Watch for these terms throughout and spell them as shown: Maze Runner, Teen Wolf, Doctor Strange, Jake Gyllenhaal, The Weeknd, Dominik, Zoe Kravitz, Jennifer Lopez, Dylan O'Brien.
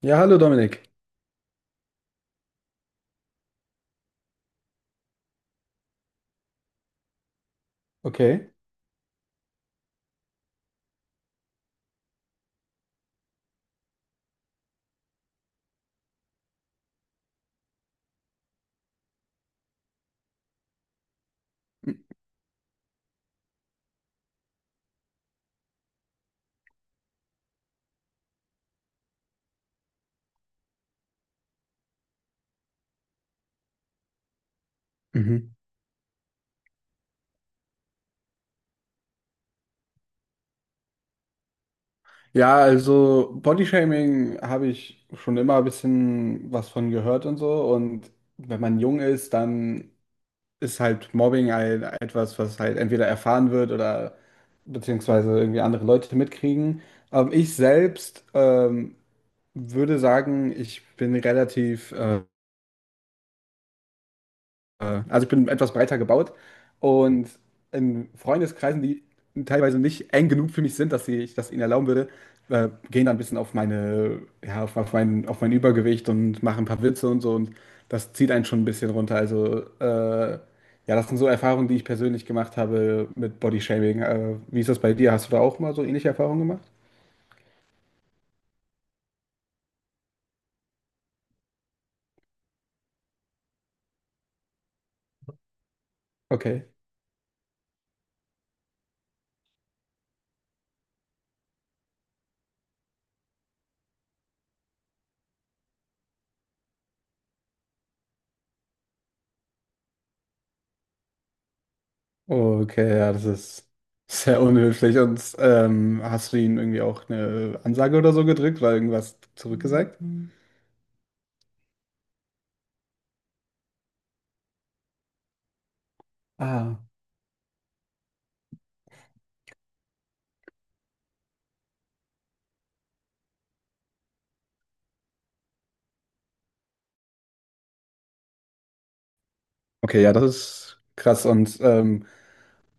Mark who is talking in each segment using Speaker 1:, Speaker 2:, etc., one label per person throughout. Speaker 1: Ja, hallo Dominik. Okay. Mhm. Ja, also Bodyshaming habe ich schon immer ein bisschen was von gehört und so. Und wenn man jung ist, dann ist halt Mobbing ein, etwas, was halt entweder erfahren wird oder beziehungsweise irgendwie andere Leute mitkriegen. Aber ich selbst würde sagen, ich bin relativ also ich bin etwas breiter gebaut und in Freundeskreisen, die teilweise nicht eng genug für mich sind, dass ich das ihnen erlauben würde, gehen dann ein bisschen auf meine, ja, auf mein Übergewicht und machen ein paar Witze und so, und das zieht einen schon ein bisschen runter. Also ja, das sind so Erfahrungen, die ich persönlich gemacht habe mit Bodyshaming. Wie ist das bei dir? Hast du da auch mal so ähnliche Erfahrungen gemacht? Okay. Okay, ja, das ist sehr unhöflich. Und hast du ihm irgendwie auch eine Ansage oder so gedrückt oder irgendwas zurückgesagt? Ah. Okay, ja, das ist krass. Und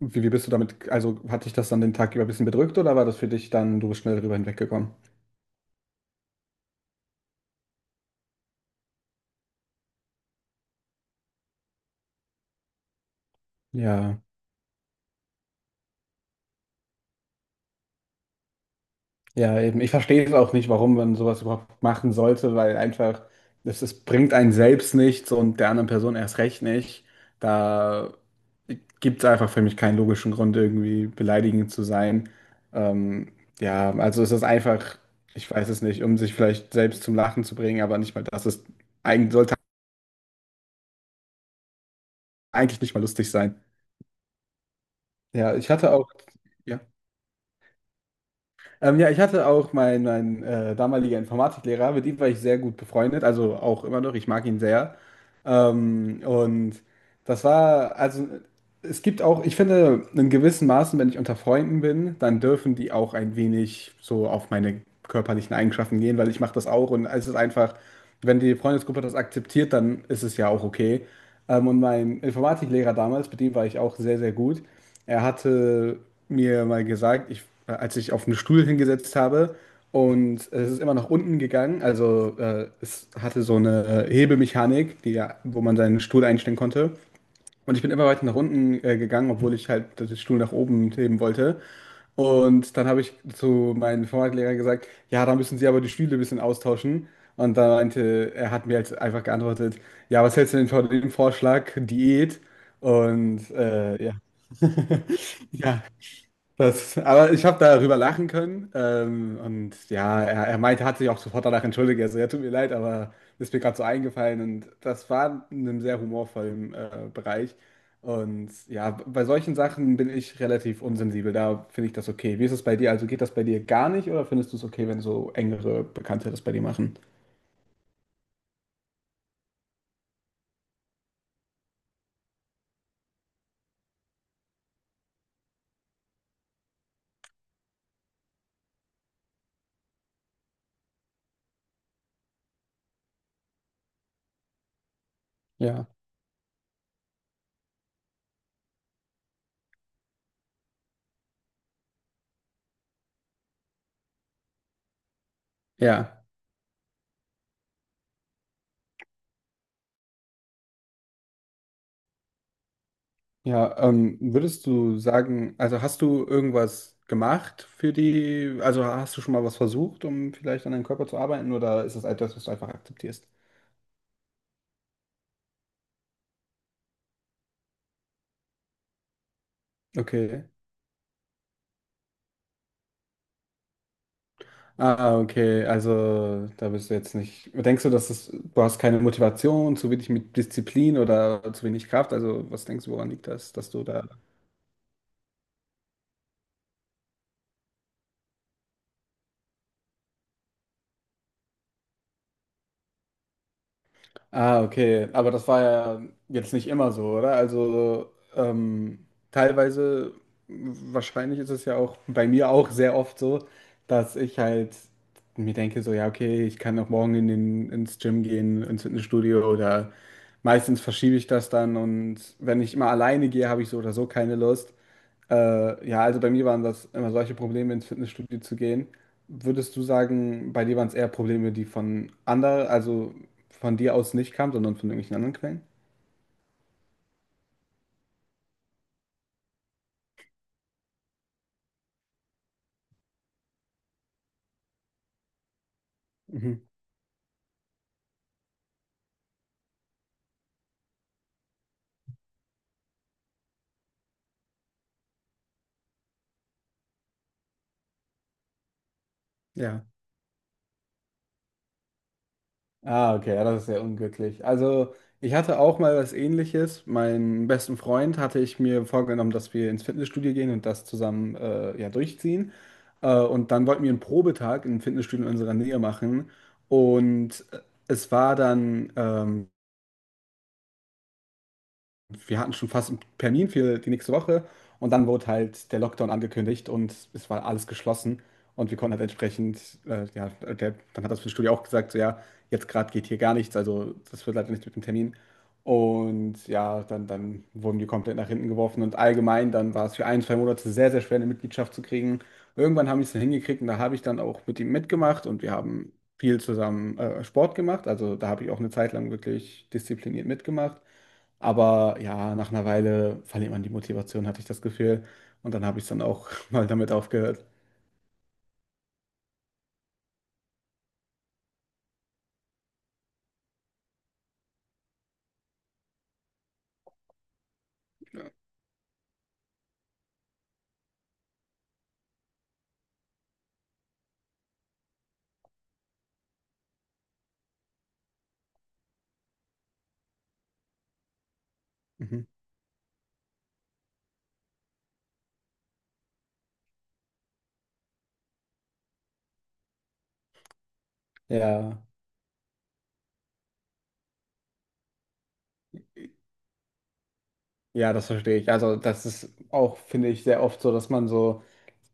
Speaker 1: wie bist du damit, also hat dich das dann den Tag über ein bisschen bedrückt, oder war das für dich dann, du bist schnell darüber hinweggekommen? Ja. Ja, eben. Ich verstehe es auch nicht, warum man sowas überhaupt machen sollte, weil einfach, es bringt einen selbst nichts und der anderen Person erst recht nicht. Da gibt es einfach für mich keinen logischen Grund, irgendwie beleidigend zu sein. Ähm, ja, also es ist einfach, ich weiß es nicht, um sich vielleicht selbst zum Lachen zu bringen, aber nicht mal das ist, eigentlich, sollte eigentlich nicht mal lustig sein. Ja, ich hatte auch, ja. Ja, ich hatte auch meinen damaliger Informatiklehrer, mit ihm war ich sehr gut befreundet, also auch immer noch, ich mag ihn sehr. Und das war, also es gibt auch, ich finde, in gewissen Maßen, wenn ich unter Freunden bin, dann dürfen die auch ein wenig so auf meine körperlichen Eigenschaften gehen, weil ich mache das auch, und es ist einfach, wenn die Freundesgruppe das akzeptiert, dann ist es ja auch okay. Und mein Informatiklehrer damals, mit dem war ich auch sehr, sehr gut. Er hatte mir mal gesagt, ich, als ich auf einen Stuhl hingesetzt habe und es ist immer nach unten gegangen, also es hatte so eine Hebemechanik, die, ja- wo man seinen Stuhl einstellen konnte. Und ich bin immer weiter nach unten gegangen, obwohl ich halt den Stuhl nach oben heben wollte. Und dann habe ich zu meinem Informatiklehrer gesagt, ja, da müssen Sie aber die Stühle ein bisschen austauschen. Und da meinte, er hat mir halt einfach geantwortet, ja, was hältst du denn von dem Vorschlag, Diät? Und ja, das, aber ich habe darüber lachen können. Und ja, er meinte, hat sich auch sofort danach entschuldigt. Also, ja, tut mir leid, aber ist mir gerade so eingefallen. Und das war in einem sehr humorvollen Bereich. Und ja, bei solchen Sachen bin ich relativ unsensibel. Da finde ich das okay. Wie ist es bei dir? Also geht das bei dir gar nicht, oder findest du es okay, wenn so engere Bekannte das bei dir machen? Ja. Ja. Ja, würdest du sagen, also hast du irgendwas gemacht für die, also hast du schon mal was versucht, um vielleicht an deinem Körper zu arbeiten, oder ist das etwas, was du einfach akzeptierst? Okay. Ah, okay, also da bist du jetzt nicht. Denkst du, dass es, du hast keine Motivation, zu wenig mit Disziplin oder zu wenig Kraft? Also was denkst du, woran liegt das, dass du da Ah, okay. Aber das war ja jetzt nicht immer so, oder? Also teilweise, wahrscheinlich ist es ja auch bei mir auch sehr oft so, dass ich halt mir denke, so, ja, okay, ich kann auch morgen in den, ins Gym gehen, ins Fitnessstudio, oder meistens verschiebe ich das dann, und wenn ich immer alleine gehe, habe ich so oder so keine Lust. Ja, also bei mir waren das immer solche Probleme, ins Fitnessstudio zu gehen. Würdest du sagen, bei dir waren es eher Probleme, die von anderen, also von dir aus nicht kamen, sondern von irgendwelchen anderen Quellen? Mhm. Ja. Ah, okay, ja, das ist sehr unglücklich. Also, ich hatte auch mal was Ähnliches. Meinen besten Freund hatte ich mir vorgenommen, dass wir ins Fitnessstudio gehen und das zusammen ja, durchziehen. Und dann wollten wir einen Probetag im Fitnessstudio in unserer Nähe machen. Und es war dann wir hatten schon fast einen Termin für die nächste Woche, und dann wurde halt der Lockdown angekündigt und es war alles geschlossen, und wir konnten halt entsprechend ja, der dann hat das Fitnessstudio auch gesagt, so: „Ja, jetzt gerade geht hier gar nichts, also das wird leider nicht mit dem Termin.“ Und ja, dann wurden die komplett nach hinten geworfen, und allgemein dann war es für ein, 2 Monate sehr, sehr schwer, eine Mitgliedschaft zu kriegen. Irgendwann habe ich es dann hingekriegt, und da habe ich dann auch mit ihm mitgemacht und wir haben viel zusammen, Sport gemacht. Also, da habe ich auch eine Zeit lang wirklich diszipliniert mitgemacht. Aber ja, nach einer Weile verliert man die Motivation, hatte ich das Gefühl. Und dann habe ich es dann auch mal damit aufgehört. Mhm. Ja, ja, das verstehe ich. Also das ist auch, finde ich, sehr oft so, dass man so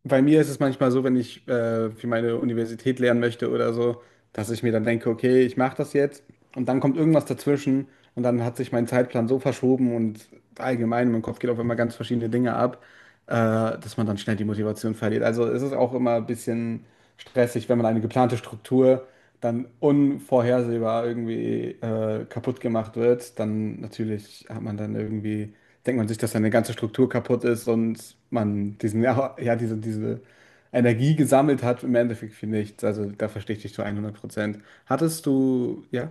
Speaker 1: bei mir ist es manchmal so, wenn ich für meine Universität lernen möchte oder so, dass ich mir dann denke, okay, ich mache das jetzt, und dann kommt irgendwas dazwischen und dann hat sich mein Zeitplan so verschoben, und allgemein in meinem Kopf geht auf einmal ganz verschiedene Dinge ab, dass man dann schnell die Motivation verliert. Also es ist auch immer ein bisschen stressig, wenn man eine geplante Struktur dann unvorhersehbar irgendwie kaputt gemacht wird, dann natürlich hat man dann irgendwie denkt man sich, dass seine ganze Struktur kaputt ist und man diesen, ja, ja, diese Energie gesammelt hat, im Endeffekt für nichts. Also da verstehe ich dich zu 100%. Hattest du, ja?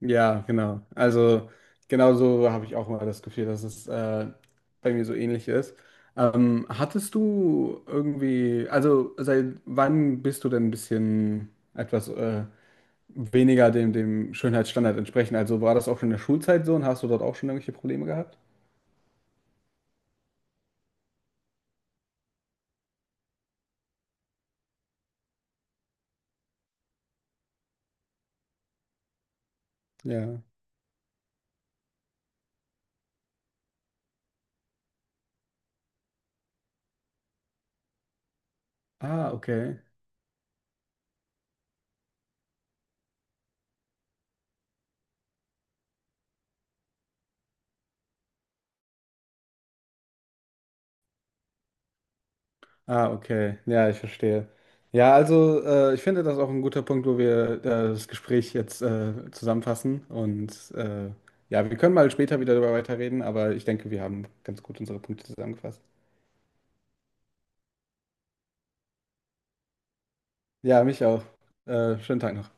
Speaker 1: Ja, genau. Also genauso habe ich auch mal das Gefühl, dass es bei mir so ähnlich ist. Hattest du irgendwie, also seit wann bist du denn ein bisschen etwas weniger dem, dem Schönheitsstandard entsprechen? Also war das auch schon in der Schulzeit so, und hast du dort auch schon irgendwelche Probleme gehabt? Ja. Ah, okay. Ah, okay. Ja, ich verstehe. Ja, also ich finde das auch ein guter Punkt, wo wir das Gespräch jetzt zusammenfassen. Und ja, wir können mal später wieder darüber weiterreden, aber ich denke, wir haben ganz gut unsere Punkte zusammengefasst. Ja, mich auch. Schönen Tag noch.